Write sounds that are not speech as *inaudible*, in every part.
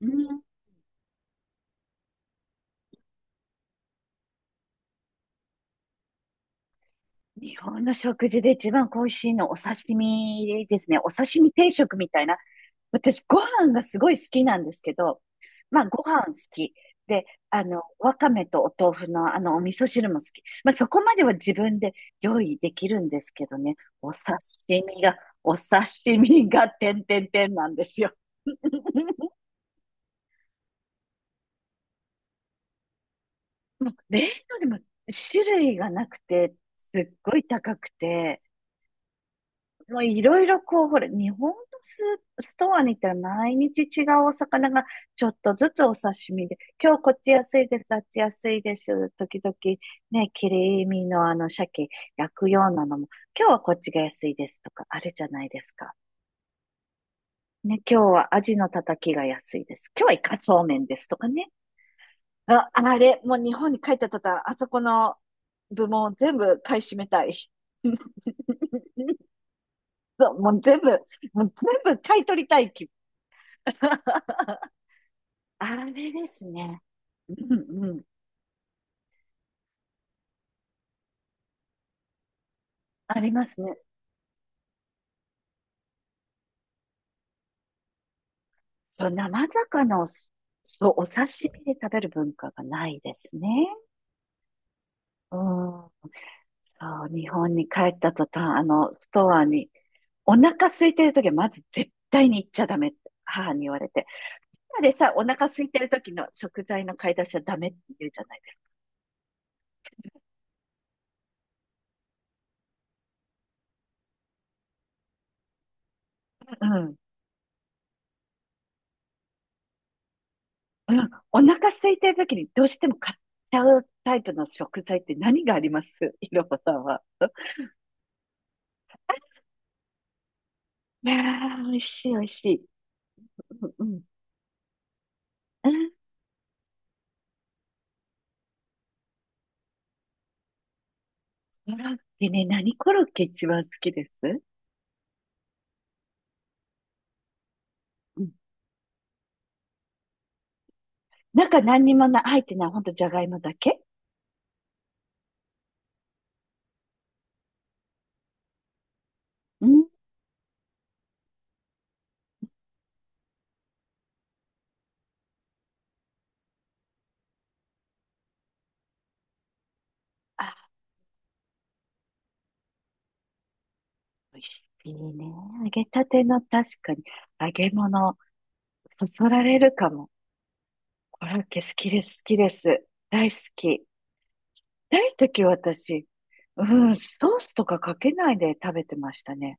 うん。日本の食事で一番恋しいのお刺身ですね。お刺身定食みたいな。私、ご飯がすごい好きなんですけど、まあ、ご飯好き。で、わかめとお豆腐のお味噌汁も好き。まあ、そこまでは自分で用意できるんですけどね。お刺身が、お刺身が、てんてんてんなんですよ。*laughs* もう冷凍でも種類がなくて、すっごい高くて、もういろいろこう、ほら、日本のスストアに行ったら毎日違うお魚がちょっとずつお刺身で、今日こっち安いです、あっち安いです、時々ね、切り身のあの鮭焼くようなのも、今日はこっちが安いですとかあるじゃないですか。ね、今日はアジのたたきが安いです。今日はイカそうめんですとかね。あ、あれ、もう日本に帰った途端、あそこの部門全部買い占めたい。*laughs* そう、もう全部買い取りたい気。*laughs* あれですね。うんうん。ありますね。そう、生魚を、そう、お刺身で食べる文化がないですね。うん。そう、日本に帰った途端、あの、ストアに、お腹空いてる時はまず絶対に行っちゃダメって母に言われて。今でさ、お腹空いてる時の食材の買い出しはダメって言うじゃないですうか。うん、お腹空いてる時にどうしても買っちゃうタイプの食材って何がありますいろは *laughs* さんは。いやー、美味しい美味しい。うんうん。うん。コロッケね、何コロッケ一番好きです？うん。中何にもな、入ってない、ほんとじゃがいもだけ。うん。あ、美味しいね。揚げたての確かに、揚げ物、そそられるかも。コロッケ好きです、好きです。大好き。大時私、うん、ソースとかかけないで食べてましたね。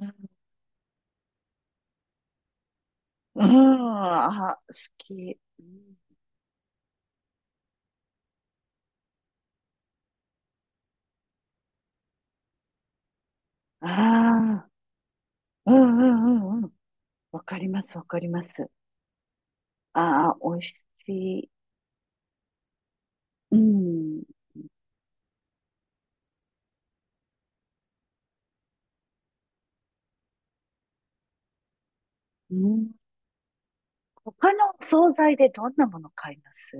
うん、あ、好き。ああ、うんうんうんうん。わかります、わかります。ああ、美味しい。うん。うん、他のお惣菜でどんなもの買います？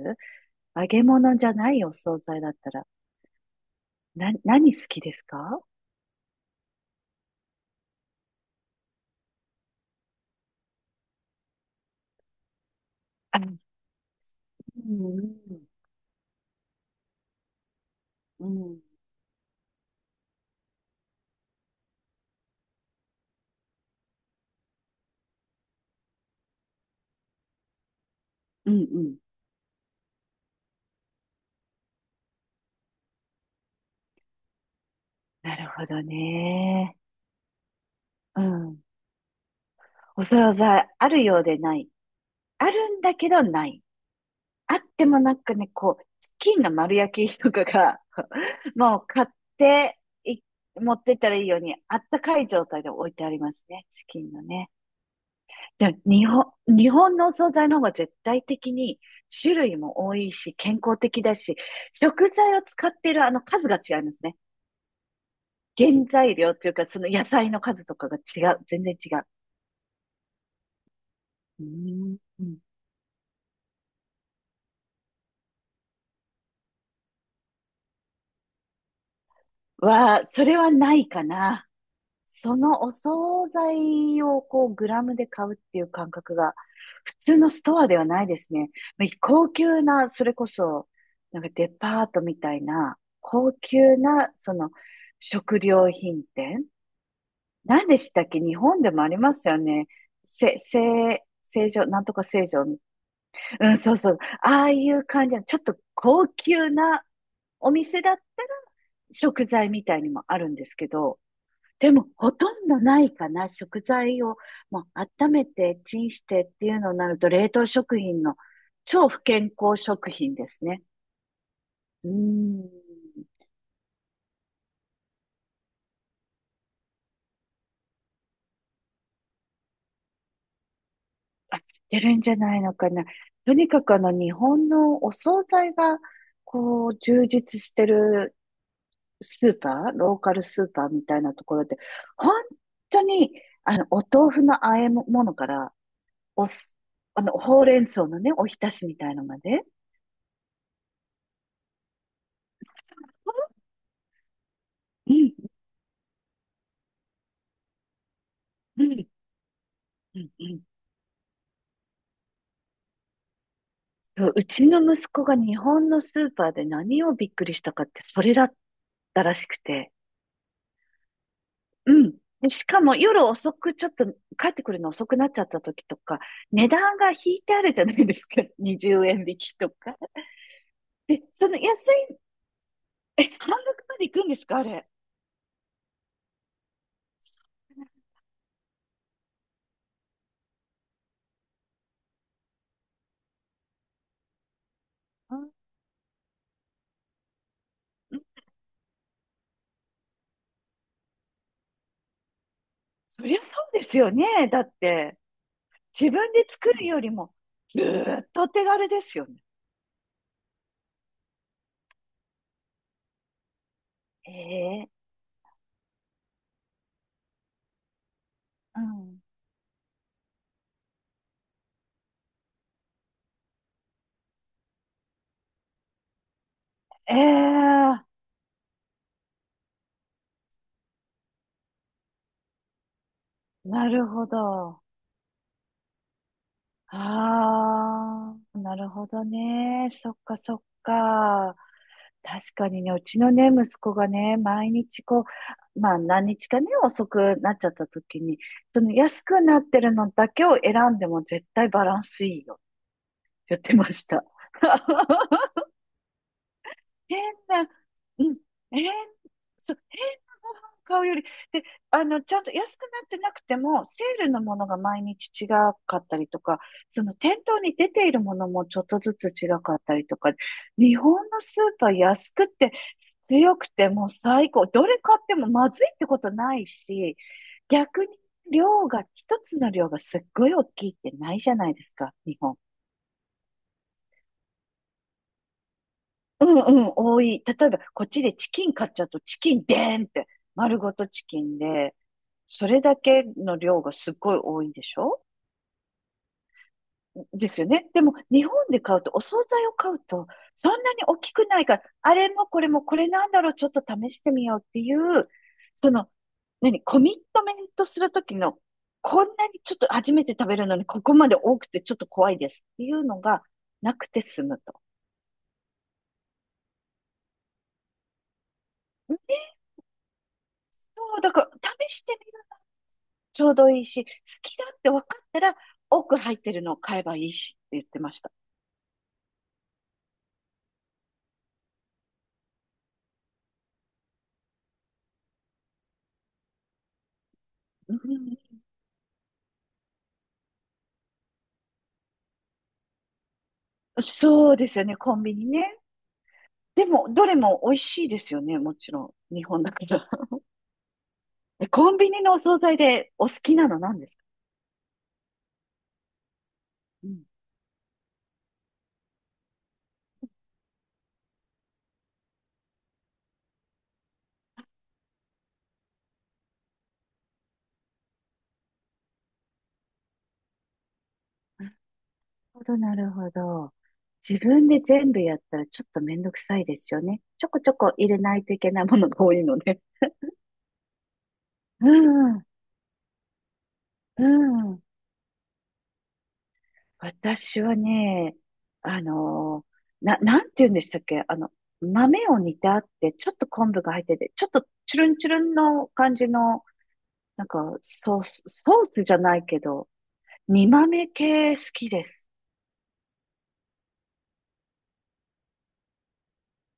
揚げ物じゃないお惣菜だったら、な、何好きですか？あ、うんうん、うん、うん、うん。なるほどね。うん。お惣菜、あるようでない。あるんだけどない。あってもなんかね、こう、チキンの丸焼きとかが *laughs* もう買ってい、持ってったらいいように、あったかい状態で置いてありますね、チキンのね。でも日本、日本のお惣菜の方が絶対的に種類も多いし、健康的だし、食材を使っているあの数が違いますね。原材料っていうか、その野菜の数とかが違う。全然違う。うーん。は、それはないかな。そのお惣菜をこうグラムで買うっていう感覚が普通のストアではないですね。まあ高級な、それこそ、なんかデパートみたいな、高級な、その食料品店。何でしたっけ日本でもありますよね。せ、せ、成城、なんとか正常。うん、そうそう。ああいう感じの、ちょっと高級なお店だったら食材みたいにもあるんですけど、でも、ほとんどないかな。食材をもう温めて、チンしてっていうのになると、冷凍食品の超不健康食品ですね。うーん。あ、出るんじゃないのかな。とにかくあの、日本のお惣菜が、こう、充実してるスーパー、ローカルスーパーみたいなところで、本当に、あの、お豆腐の和え物から、おす、あの、ほうれん草のね、おひたしみたいのまで、うん、うん、うん、うん。そううちの息子が日本のスーパーで何をびっくりしたかって、それだったらしくて。うん。で、しかも夜遅く、ちょっと帰ってくるの遅くなっちゃった時とか、値段が引いてあるじゃないですか。*laughs* 20円引きとか。で、その安い、え、半額まで行くんですか、あれ。うんうん。そりゃそうですよね。だって、自分で作るよりも、ずーっとお手軽ですよね。ええ。うん。ええ。なるほど。ああ、なるほどね。そっかそっか。確かにね、うちのね、息子がね、毎日こう、まあ何日かね、遅くなっちゃった時に、その安くなってるのだけを選んでも絶対バランスいいよって言ってました。*laughs* 変な、うん、変、そう、変なご飯買うより、で、あの、ちゃんと安くなってなくても、セールのものが毎日違かったりとか、その店頭に出ているものもちょっとずつ違かったりとか、日本のスーパー安くて強くてもう最高。どれ買ってもまずいってことないし、逆に量が、一つの量がすっごい大きいってないじゃないですか、日本。うんうん、多い。例えば、こっちでチキン買っちゃうと、チキンでーんって、丸ごとチキンで、それだけの量がすっごい多いでしょですよね。でも、日本で買うと、お惣菜を買うと、そんなに大きくないから、あれもこれもこれなんだろう、ちょっと試してみようっていう、その、何、コミットメントするときの、こんなにちょっと初めて食べるのに、ここまで多くてちょっと怖いですっていうのがなくて済むと。うん。そう、だから、試してちょうどいいし、好きだって分かったら、多く入ってるのを買えばいいしって言ってました。うん、そうですよね、コンビニね。でも、どれも美味しいですよね、もちろん。日本だから。*laughs* えコンビニのお惣菜でお好きなの何ですか？うん。なるほど、なるほど。自分で全部やったらちょっとめんどくさいですよね。ちょこちょこ入れないといけないものが多いので。うん、うん。私はね、あのなんて言うんでしたっけあの、豆を煮てあって、ちょっと昆布が入ってて、ちょっとチュルンチュルンの感じの、なんか、ソースじゃないけど、煮豆系好きです。